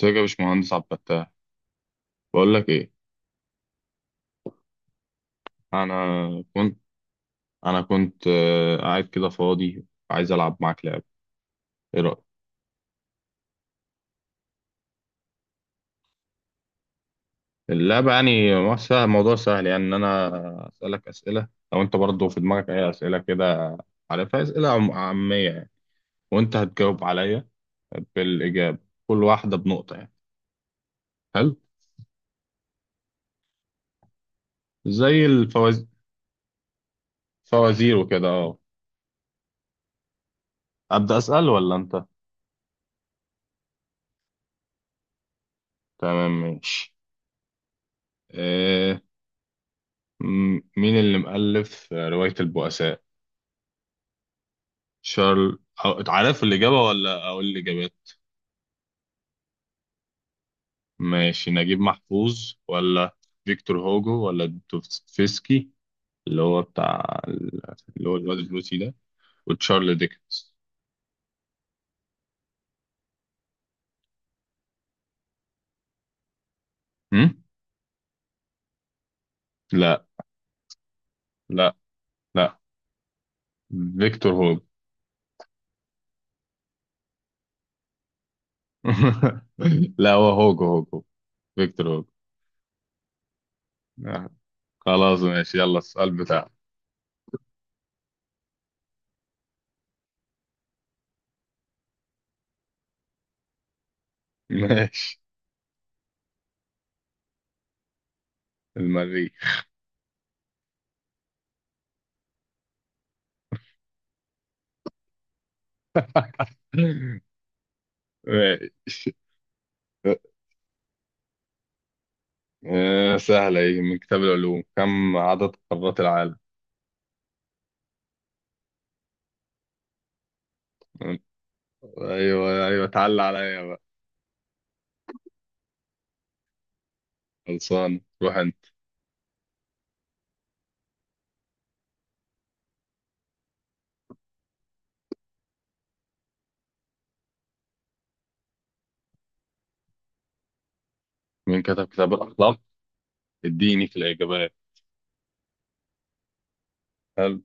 ازيك يا باشمهندس عبد الفتاح؟ بقول لك ايه. انا كنت انا كنت قاعد كده فاضي، عايز العب معاك لعبه. ايه رايك؟ اللعبه يعني موضوع سهل، يعني ان انا اسالك اسئله، لو انت برضه في دماغك اي اسئله كده عارفها، اسئله عاميه يعني، وانت هتجاوب عليا بالاجابه، كل واحده بنقطه يعني. حلو، زي الفوازير، فوازير وكده، اه. ابدا اسال ولا انت؟ تمام ماشي. آه، مين اللي مؤلف روايه البؤساء؟ شارل... عارف الإجابة ولا أقول الإجابات؟ ماشي، نجيب محفوظ، ولا فيكتور هوجو، ولا دوستويفسكي اللي هو بتاع اللي هو الواد الروسي ده، وتشارل ديكنز. هم؟ لا، لا، لا، فيكتور هوجو. لا، هو هوجو، فيكتور هوجو. آه، خلاص ماشي، يلا السؤال بتاعك. ماشي. المريخ. ماشي. سهلة ايه من كتاب العلوم: كم عدد قارات العالم؟ ايوه ايوه، تعال عليا بقى. خلصان، روح انت. مين كتب كتاب الاخلاق؟ اديني في الاجابات. حلو.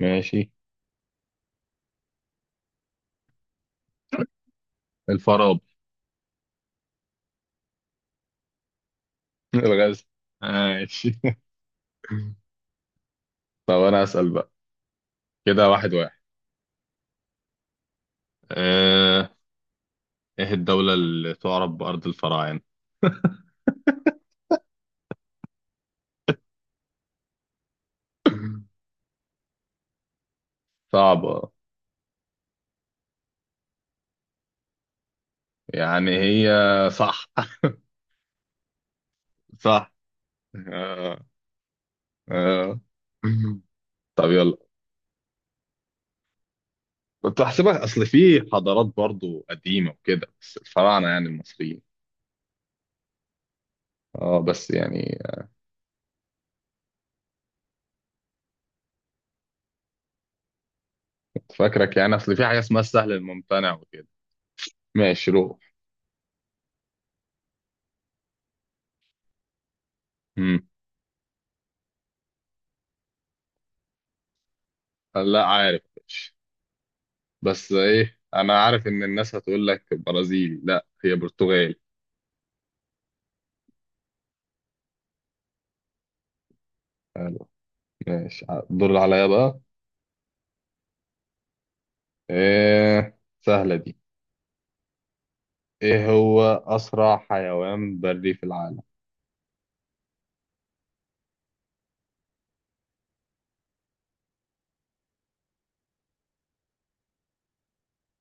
ماشي. الفارابي. الغزل. ماشي. طب انا اسال بقى، كده واحد واحد. آه، ايه الدولة اللي تعرف بأرض الفراعنة؟ صعبة. يعني هي، صح. صح. آه. آه. طب يلا. كنت هحسبها، اصل في حضارات برضو قديمة وكده، بس الفراعنة يعني المصريين. اه بس يعني، فاكرك يعني اصل في حاجه اسمها السهل الممتنع وكده. ماشي روح. امم. لا عارف، ماشي. بس ايه، انا عارف ان الناس هتقول لك برازيلي، لا هي برتغالي. حلو. ماشي. الدور اللي عليا بقى. ايه سهله دي. ايه هو اسرع حيوان بري في العالم؟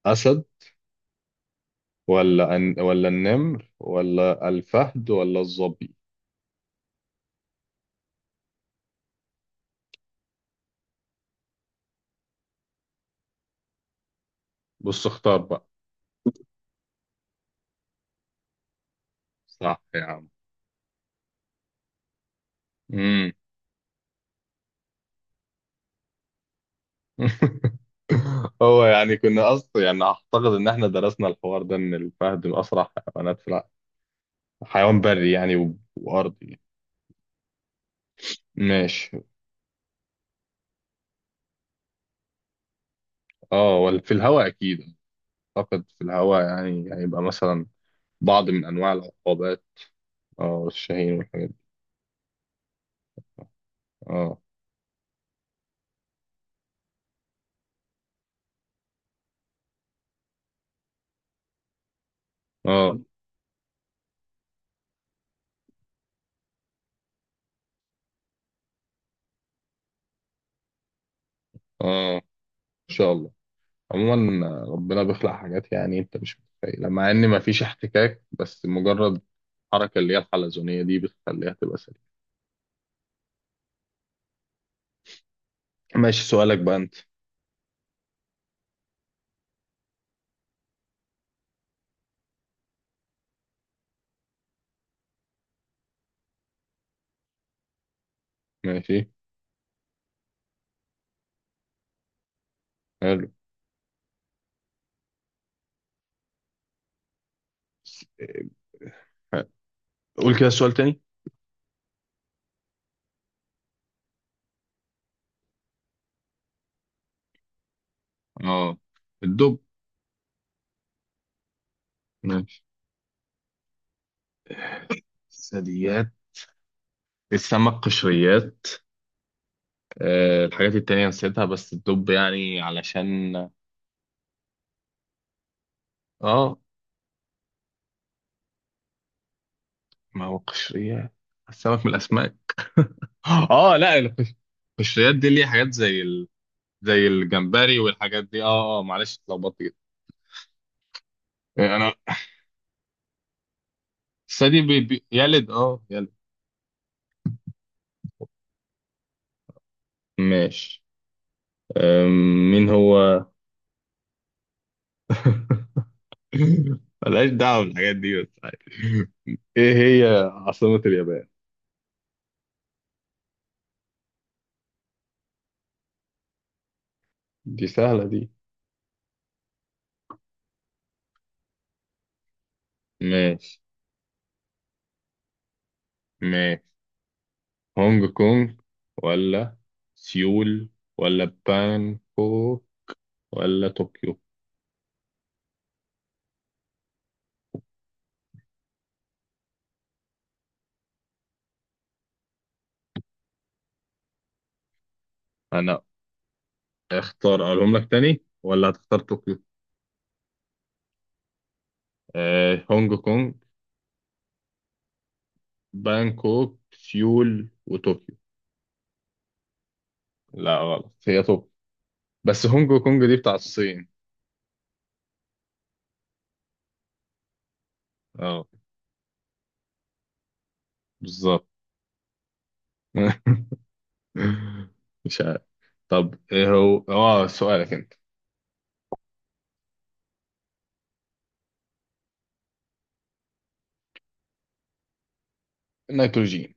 اسد، ولا النمر، ولا الفهد، ولا الظبي؟ بص اختار بقى. صح يا عم. هو يعني كنا اصلا يعني اعتقد ان احنا درسنا الحوار ده، ان الفهد من اسرع حيوانات في حيوان بري يعني، وارضي. ماشي. اه، ولا في الهواء اكيد. اعتقد في الهواء، يعني هيبقى مثلا بعض من انواع العقابات. اه، الشاهين والحاجات دي. اه، اه، اه، ان شاء الله. عموما ربنا بيخلق حاجات يعني انت مش متخيلها، مع ان مفيش احتكاك، بس مجرد الحركه اللي هي الحلزونيه دي بتخليها تبقى سليمه. ماشي، سؤالك بقى انت. ماشي. قول كده السؤال تاني. اه، الدب. ماشي. الثدييات. السمك قشريات، آه الحاجات التانية نسيتها، بس الدب يعني علشان. اه، ما هو قشريات. السمك من الأسماك. اه لا، القشريات دي ليها حاجات زي الجمبري والحاجات دي. اه اه، معلش اتلخبطت كده. انا الثدي يلد، اه يلد. ماشي. مين هو. ملهاش دعوة بالحاجات دي بس عادي. ايه هي عاصمة اليابان؟ دي سهلة دي. ماشي. ماشي. هونج كونج، ولا سيول، ولا بانكوك، ولا طوكيو؟ انا اختار اقولهم لك تاني، ولا هتختار طوكيو؟ آه، هونج كونج، بانكوك، سيول، وطوكيو. لا غلط، هي طوكيو. بس هونج كونج دي بتاع الصين. اه بالظبط. مش عارف. طب ايه هو اه سؤالك انت؟ النيتروجين.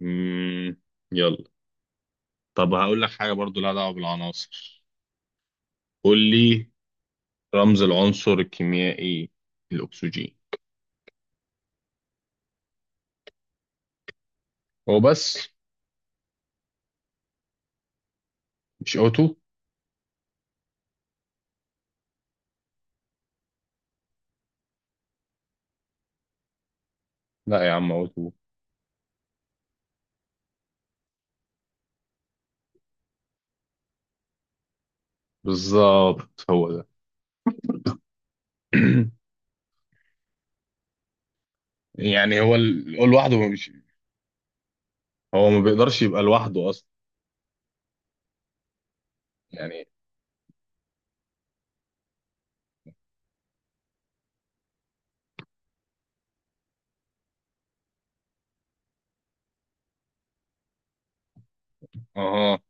مم. يلا. طب هقول لك حاجة برضو لها دعوة بالعناصر. قول لي. رمز العنصر الكيميائي الأكسجين. هو بس مش O2؟ لا يا عم O2. بالظبط هو ده. يعني هو هو لوحده مش، هو ما بيقدرش يبقى لوحده أصلا يعني. اه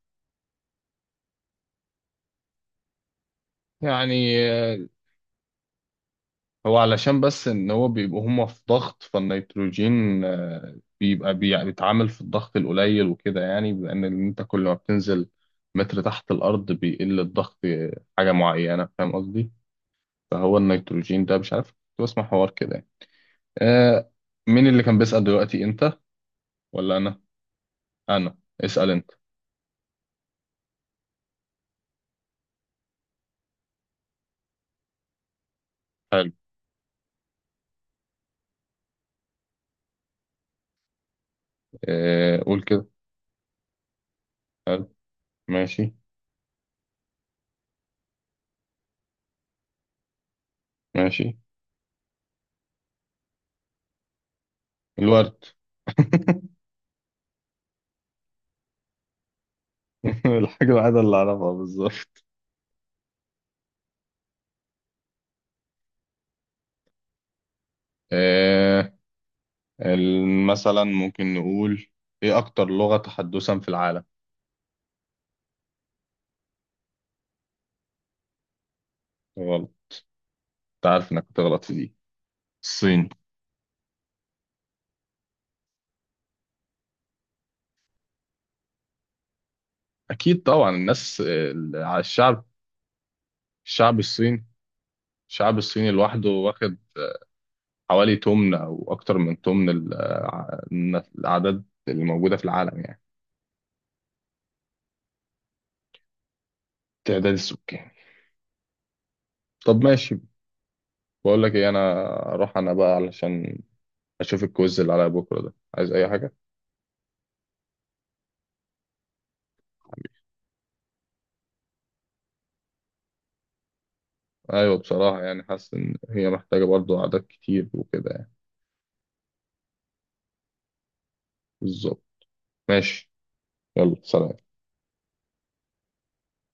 يعني، هو علشان بس ان هو بيبقوا هما في ضغط، فالنيتروجين بيبقى بيتعامل في الضغط القليل وكده يعني، لان انت كل ما بتنزل متر تحت الارض بيقل الضغط حاجه معينه، فاهم قصدي؟ فهو النيتروجين ده مش عارف، كنت بسمع حوار كده يعني. آه، مين اللي كان بيسأل دلوقتي، انت ولا انا؟ انا اسأل انت. حلو. آه قول كده. ماشي. ماشي. الورد. الحاجه الوحيده اللي اعرفها بالظبط. آه، مثلا ممكن نقول: ايه اكتر لغة تحدثا في العالم؟ غلط. انت عارف انك هتغلط في دي. الصين. اكيد طبعا، الناس على الشعب، الشعب الصيني. الشعب الصيني لوحده واخد حوالي تمن او اكتر من تمن الاعداد اللي موجودة في العالم يعني. التعداد السكاني. طب ماشي. بقول لك ايه انا، اروح انا بقى علشان اشوف الكويز اللي عليا بكرة، ده عايز اي حاجة. ايوه بصراحة، يعني حاسس ان هي محتاجة برضو اعداد كتير وكده يعني. بالظبط. ماشي، يلا سلام.